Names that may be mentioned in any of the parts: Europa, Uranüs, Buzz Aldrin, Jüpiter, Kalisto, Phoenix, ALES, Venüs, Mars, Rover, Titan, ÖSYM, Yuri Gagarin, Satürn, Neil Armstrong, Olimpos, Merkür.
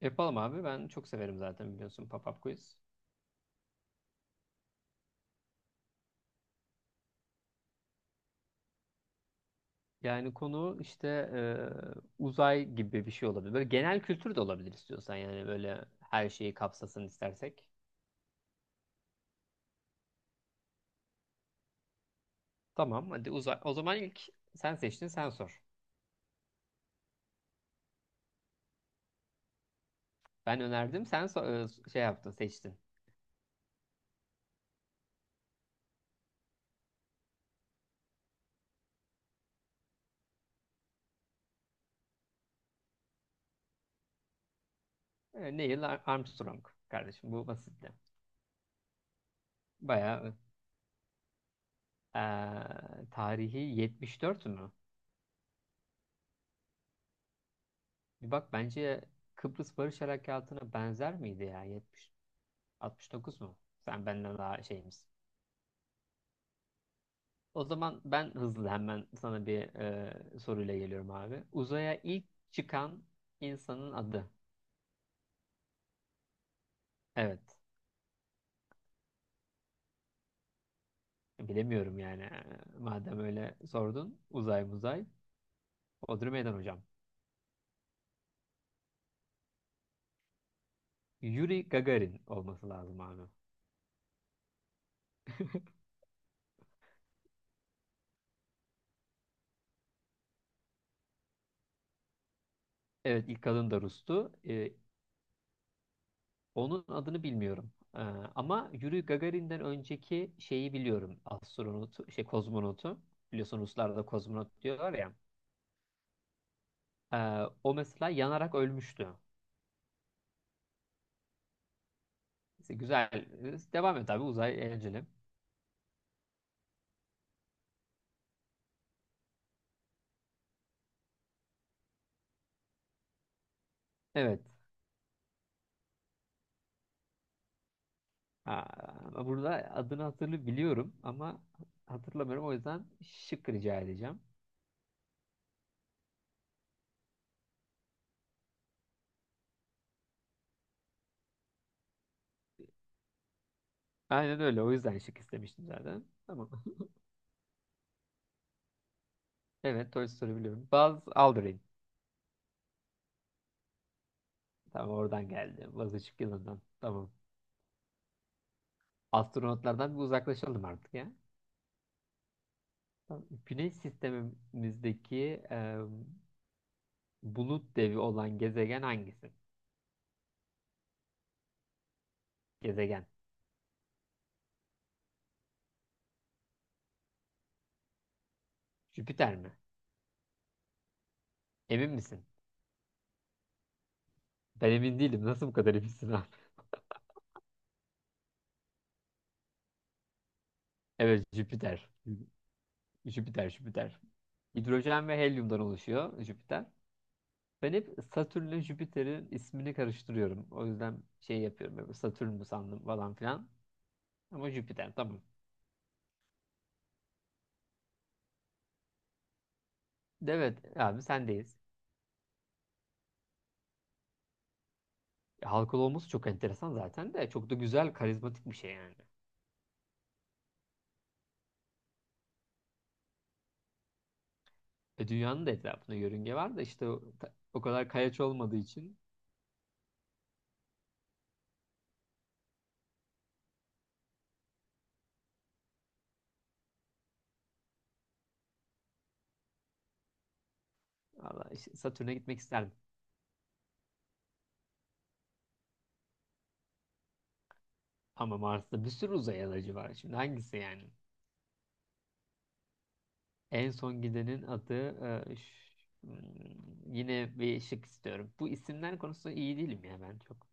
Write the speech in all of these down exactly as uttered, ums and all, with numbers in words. Yapalım abi. Ben çok severim zaten biliyorsun Pop-Up Quiz. Yani konu işte e, uzay gibi bir şey olabilir. Böyle genel kültür de olabilir istiyorsan, yani böyle her şeyi kapsasın istersek. Tamam, hadi uzay. O zaman ilk sen seçtin, sen sor. Ben önerdim, sen so- e, şey yaptın, seçtin. E, Neil Ar- Armstrong kardeşim, bu basitti. Bayağı e, tarihi yetmiş dört mü? Bir bak, bence Kıbrıs Barış Harekatı'na benzer miydi ya? yetmiş, dokuz mu? Sen benden daha şeyimiz. O zaman ben hızlı hemen sana bir e, soruyla geliyorum abi. Uzaya ilk çıkan insanın adı. Evet. Bilemiyorum yani. E, Madem öyle sordun. Uzay muzay. Odri Meydan hocam. Yuri Gagarin olması lazım abi. Evet, ilk kadın da Rus'tu. E, onun adını bilmiyorum. E, ama Yuri Gagarin'den önceki şeyi biliyorum. Astronotu, şey, kozmonotu. Biliyorsun, Ruslar da kozmonot diyorlar ya. E, o mesela yanarak ölmüştü. Neyse, güzel. Ee, Devam et abi. Uzay eğlenceli. Evet. Aa, burada adını hatırlı biliyorum ama hatırlamıyorum. O yüzden şık rica edeceğim. Aynen öyle. O yüzden şık istemiştim zaten. Tamam. Evet. Toy Story biliyorum. Buzz Aldrin. Tamam, oradan geldi. Buzz ışık yılı'ndan. Tamam. Astronotlardan bir uzaklaşalım artık ya. Tamam. Güneş sistemimizdeki e, bulut devi olan gezegen hangisi? Gezegen. Jüpiter mi? Emin misin? Ben emin değilim. Nasıl bu kadar eminsin abi? Evet, Jüpiter. Jüpiter, Jüpiter. Hidrojen ve helyumdan oluşuyor Jüpiter. Ben hep Satürn'le Jüpiter'in ismini karıştırıyorum. O yüzden şey yapıyorum, böyle Satürn mü sandım falan filan. Ama Jüpiter, tamam. Evet abi, sendeyiz. Halkalı olması çok enteresan zaten de çok da güzel, karizmatik bir şey yani. E, dünyanın da etrafında yörünge var da işte o, o kadar kayaç olmadığı için valla, işte Satürn'e gitmek isterdim. Ama Mars'ta bir sürü uzay aracı var. Şimdi hangisi yani? En son gidenin adı e, ş- hmm, yine bir şık istiyorum. Bu isimler konusunda iyi değilim ya ben çok.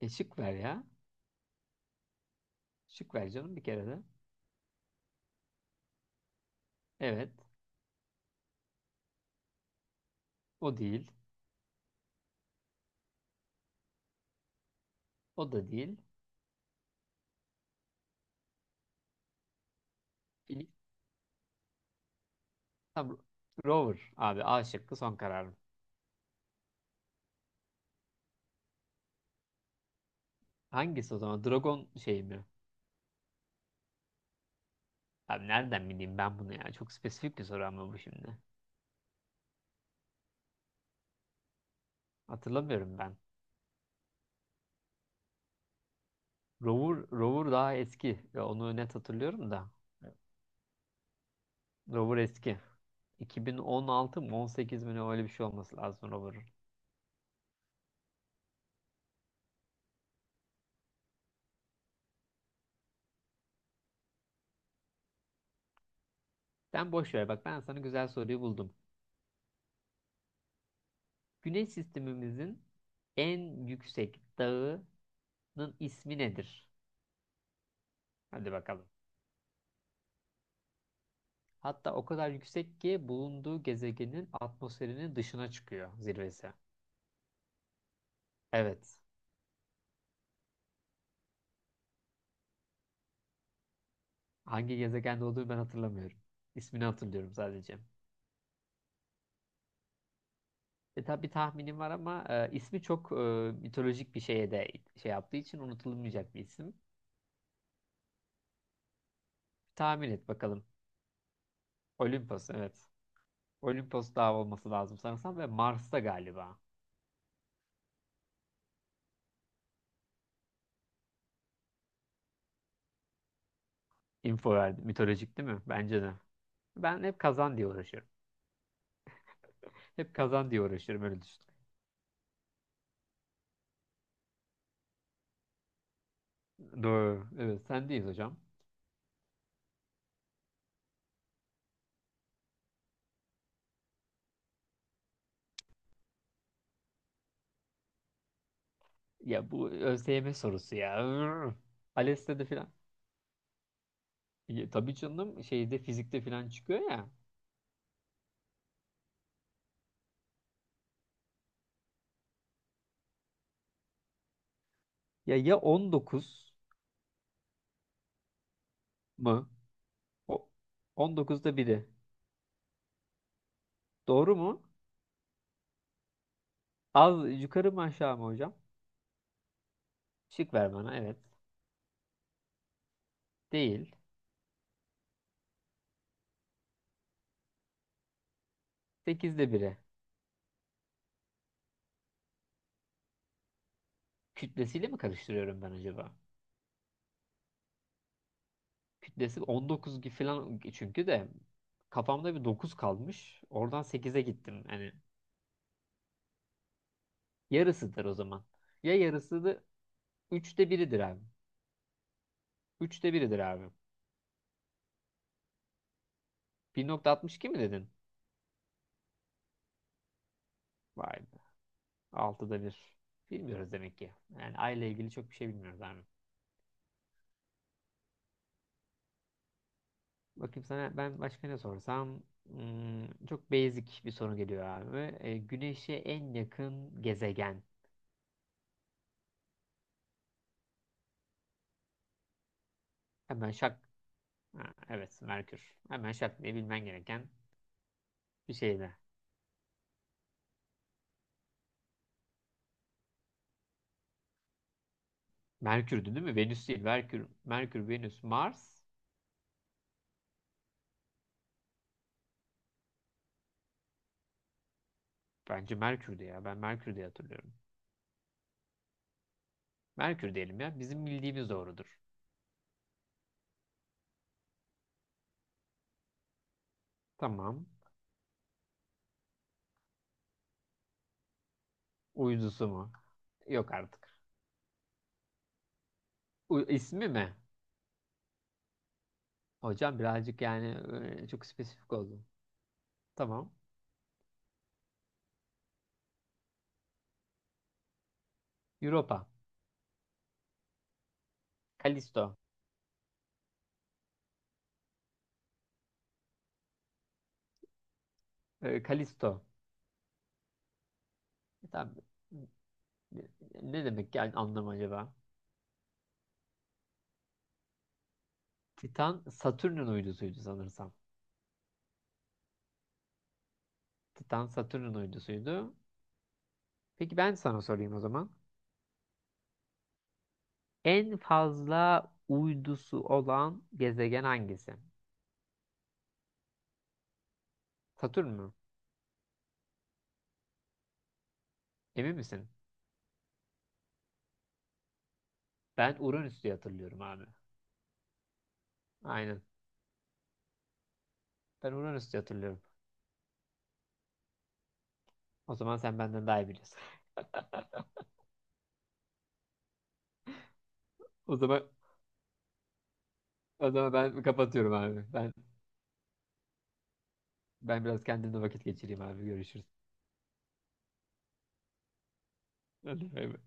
E şık ver ya. Şık ver canım bir kere de. Evet. O değil. O da değil. Phoenix. Tamam. Rover abi, A şıkkı son kararım. Hangisi o zaman? Dragon şey mi? Abi, nereden bileyim ben bunu ya? Çok spesifik bir soru ama bu şimdi. Hatırlamıyorum ben. Rover, Rover daha eski. Ya onu net hatırlıyorum da. Rover eski. iki bin on altı mı, on sekiz mi, ne, öyle bir şey olması lazım Rover'ın. Sen boş ver, bak ben sana güzel soruyu buldum. Güneş sistemimizin en yüksek dağının ismi nedir? Hadi bakalım. Hatta o kadar yüksek ki bulunduğu gezegenin atmosferinin dışına çıkıyor zirvesi. Evet. Hangi gezegende olduğunu ben hatırlamıyorum. İsmini hatırlıyorum sadece. E tabi tahminim var ama e, ismi çok e, mitolojik bir şeye de şey yaptığı için unutulmayacak bir isim. Tahmin et bakalım. Olimpos, evet. Olimpos Dağı olması lazım sanırsam, ve Mars'ta galiba. Info verdi. Mitolojik değil mi? Bence de. Ben hep kazan diye uğraşıyorum. Hep kazan diye uğraşıyorum, öyle düşün. Doğru. Evet, sendeyiz hocam. Ya, bu ÖSYM sorusu ya. Ürr. ALES'te de filan. Ya tabii canım, şeyde, fizikte filan çıkıyor ya. Ya ya, on dokuz mı? O, on dokuzda biri. Doğru mu? Az yukarı mı, aşağı mı hocam? Şık ver bana, evet. Değil. sekizde biri. Kütlesiyle mi karıştırıyorum ben acaba? Kütlesi on dokuz gibi falan çünkü de, kafamda bir dokuz kalmış. Oradan sekize gittim. Hani, yarısıdır o zaman. Ya yarısı da üçte biridir abi. Üçte biridir abi. bir nokta altmış iki mi dedin? Vay be. Altıda bir. Bilmiyoruz demek ki. Yani aile ilgili çok bir şey bilmiyoruz abi. Bakayım sana ben başka ne sorsam. Hmm, çok basic bir soru geliyor abi. E, güneşe en yakın gezegen. Hemen şak. Ha, evet, Merkür. Hemen şak diye bilmen gereken bir şeydi. Merkür'dü değil mi? Venüs değil. Merkür, Merkür, Venüs, Mars. Bence Merkür'dü ya. Ben Merkür diye hatırlıyorum. Merkür diyelim ya. Bizim bildiğimiz doğrudur. Tamam. Uydusu mu? Yok artık. U ismi mi? Hocam, birazcık yani e, çok spesifik oldu. Tamam. Europa. Kalisto. E, Kalisto. E, Tamam. Ne demek yani, anlam acaba? Titan Satürn'ün uydusuydu sanırsam. Titan Satürn'ün uydusuydu. Peki ben sana sorayım o zaman. En fazla uydusu olan gezegen hangisi? Satürn mü? Emin misin? Ben Uranüs diye hatırlıyorum abi. Aynen. Ben Uranüs diye hatırlıyorum. O zaman sen benden daha iyi biliyorsun. O zaman o zaman ben kapatıyorum abi. Ben ben biraz kendimle vakit geçireyim abi. Görüşürüz. Hadi bay bay.